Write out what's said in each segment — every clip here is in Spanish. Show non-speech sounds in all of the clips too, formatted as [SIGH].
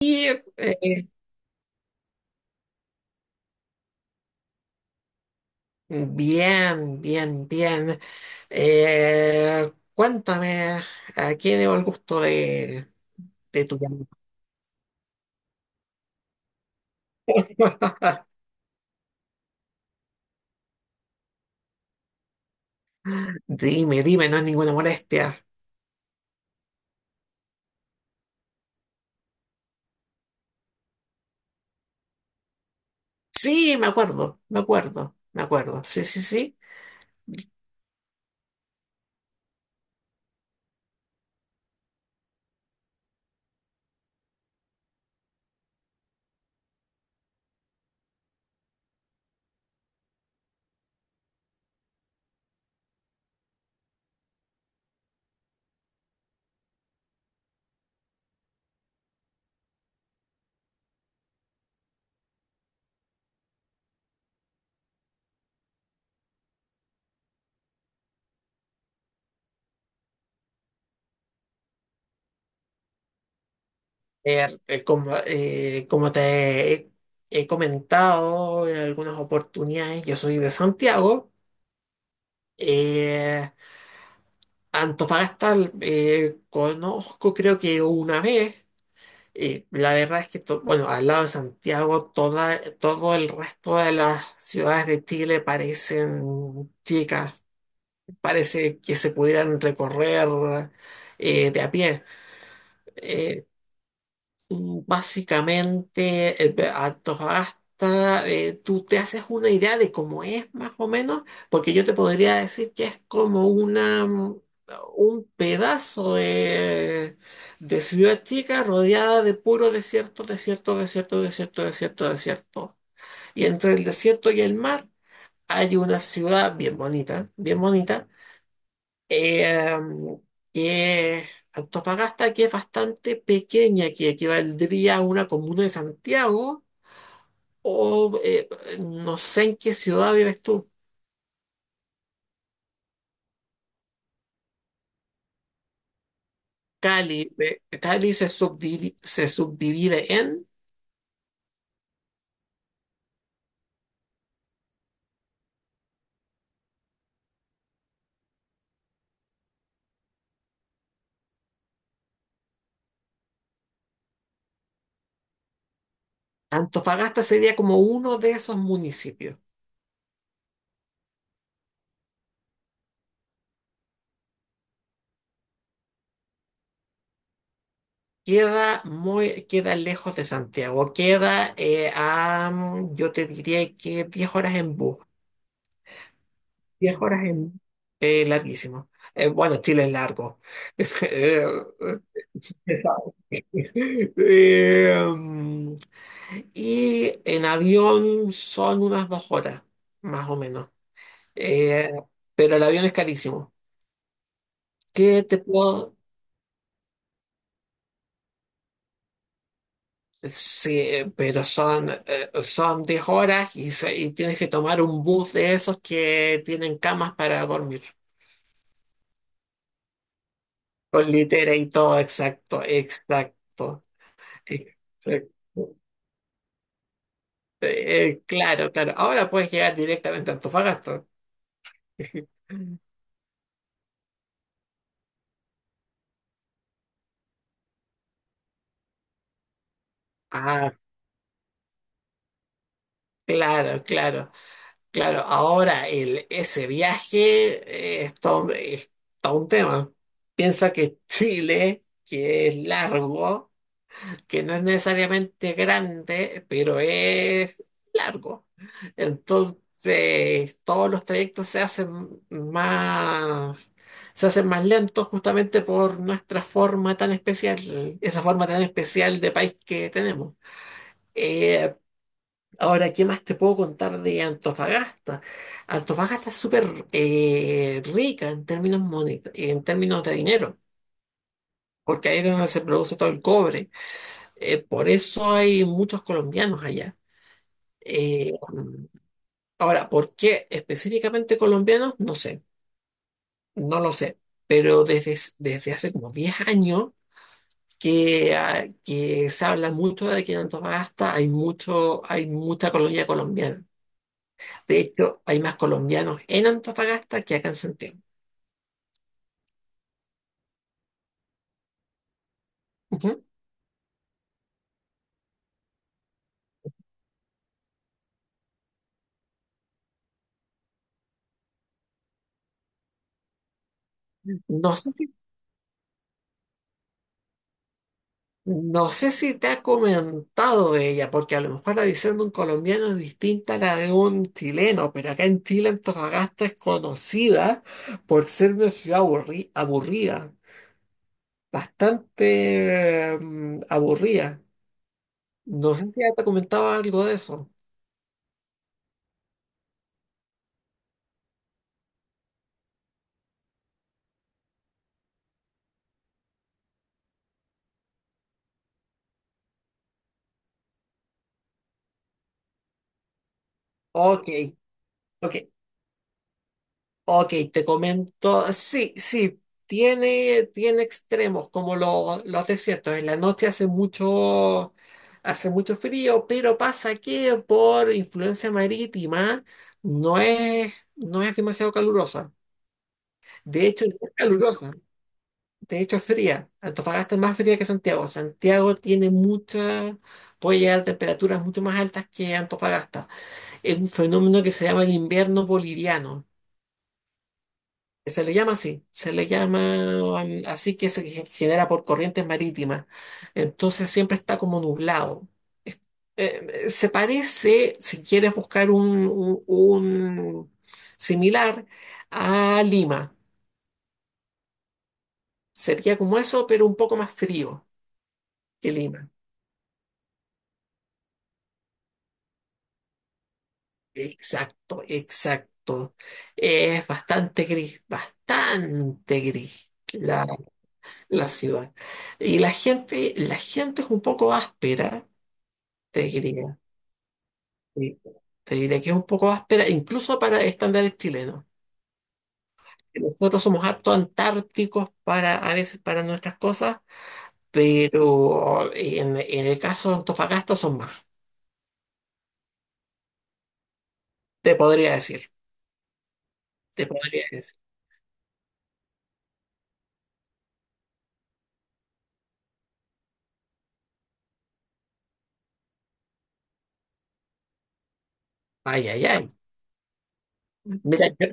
Y eh, Bien, bien, bien. Cuéntame, ¿a quién debo el gusto de tu llamada? Dime, dime, no es ninguna molestia. Sí, me acuerdo, me acuerdo, me acuerdo. Sí, sí, sí. Eh, eh, como, eh, como te he, He comentado en algunas oportunidades, yo soy de Santiago. Eh, Antofagasta conozco, creo que una vez. La verdad es que, bueno, al lado de Santiago, todo el resto de las ciudades de Chile parecen chicas, parece que se pudieran recorrer de a pie. Eh, Básicamente, Antofagasta, tú te haces una idea de cómo es más o menos, porque yo te podría decir que es como una, un pedazo de ciudad chica rodeada de puro desierto, desierto, desierto, desierto, desierto, desierto. Y entre el desierto y el mar hay una ciudad bien bonita eh, que Antofagasta, que es bastante pequeña, que equivaldría a una comuna de Santiago, o no sé en qué ciudad vives tú. Cali, Cali se subdivide en... Antofagasta sería como uno de esos municipios. Queda muy, queda lejos de Santiago, queda yo te diría que 10 horas en bus. 10 horas en... larguísimo. Bueno, Chile es largo. [LAUGHS] Eh, em, y en avión son unas 2 horas, más o menos. Eh, pero el avión es carísimo. ¿Qué te puedo...? Sí, pero son, son 10 horas y, y tienes que tomar un bus de esos que tienen camas para dormir. Con litera y todo, exacto, exacto, exacto. Claro, claro. Ahora puedes llegar directamente a Antofagasta. [LAUGHS] Ah, claro, claro, claro. Ahora ese viaje es todo un tema. Piensa que Chile, que es largo, que no es necesariamente grande, pero es largo. Entonces, todos los trayectos se hacen más lentos justamente por nuestra forma tan especial, esa forma tan especial de país que tenemos. Eh, Ahora, ¿qué más te puedo contar de Antofagasta? Antofagasta es súper rica en términos, en términos de dinero, porque ahí es donde se produce todo el cobre. Por eso hay muchos colombianos allá. Eh, Ahora, ¿por qué específicamente colombianos? No sé, no lo sé, pero desde, desde hace como 10 años que, que se habla mucho de que en Antofagasta hay, mucho, hay mucha colonia colombiana. De hecho, hay más colombianos en Antofagasta que acá en Santiago. Ujú. No sé. No sé si te ha comentado de ella, porque a lo mejor la visión de un colombiano es distinta a la de un chileno, pero acá en Chile Antofagasta es conocida por ser una ciudad aburrida, bastante aburrida. No sé si ya te comentaba algo de eso. Ok, ok. Ok, te comento, sí, sí, tiene, tiene extremos como los desiertos. En la noche hace mucho frío, pero pasa que por influencia marítima no es, no es demasiado calurosa. De hecho, no es calurosa, de hecho es fría. Antofagasta es más fría que Santiago. Santiago tiene mucha, puede llegar a temperaturas mucho más altas que Antofagasta. Es un fenómeno que se llama el invierno boliviano. Se le llama así, se le llama así, que se genera por corrientes marítimas. Entonces siempre está como nublado. Se parece, si quieres buscar un, un similar, a Lima. Sería como eso, pero un poco más frío que Lima. Exacto, exacto. Es bastante gris la, la ciudad. Y la gente es un poco áspera, te diría. Sí. Te diré que es un poco áspera, incluso para estándares chilenos. Nosotros somos harto antárticos para, a veces para nuestras cosas, pero en el caso de Antofagasta son más. Te podría decir, te podría decir. Ay, ay, ay. Mira,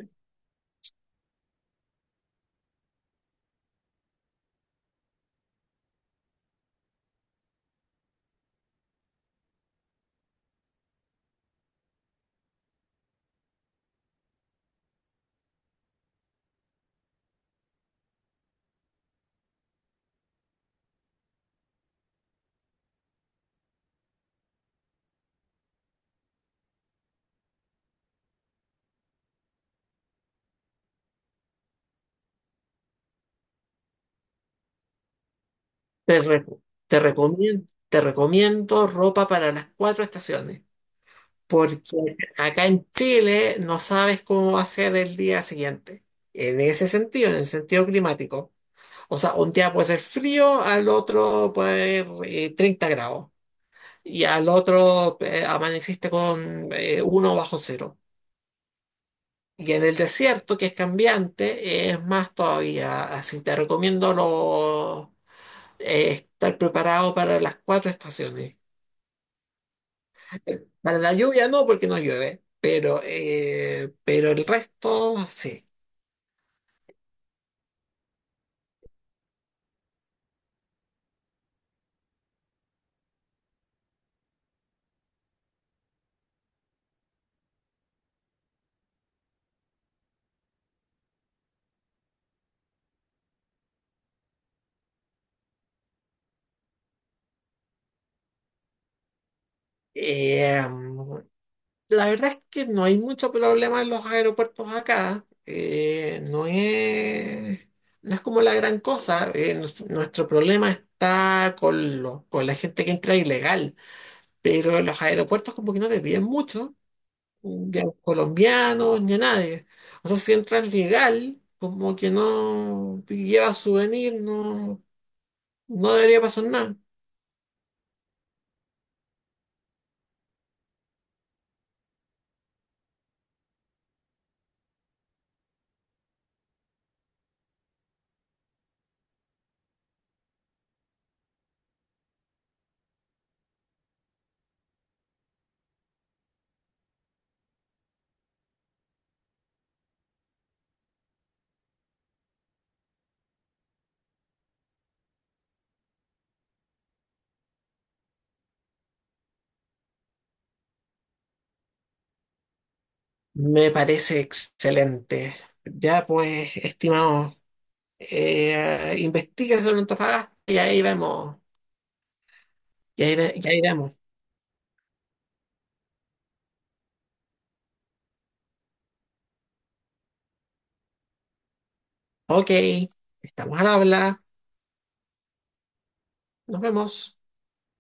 te, re- te recomiendo ropa para las cuatro estaciones, porque acá en Chile no sabes cómo va a ser el día siguiente. En ese sentido, en el sentido climático. O sea, un día puede ser frío, al otro puede ser 30 grados. Y al otro amaneciste con uno bajo cero. Y en el desierto, que es cambiante, es más todavía. Así te recomiendo estar preparado para las cuatro estaciones. Para la lluvia no, porque no llueve, pero el resto sí. Eh, La verdad es que no hay mucho problema en los aeropuertos acá. No es, no es como la gran cosa. Nuestro problema está con, con la gente que entra ilegal. Pero en los aeropuertos como que no te piden mucho, ni a los colombianos ni a nadie. O sea, si entras legal, como que no, y llevas souvenir, no, no debería pasar nada. Me parece excelente. Ya pues, estimado. Investiga sobre Antofagasta y ahí vemos. Y ahí, y ahí vemos. Ok, estamos al habla. Nos vemos.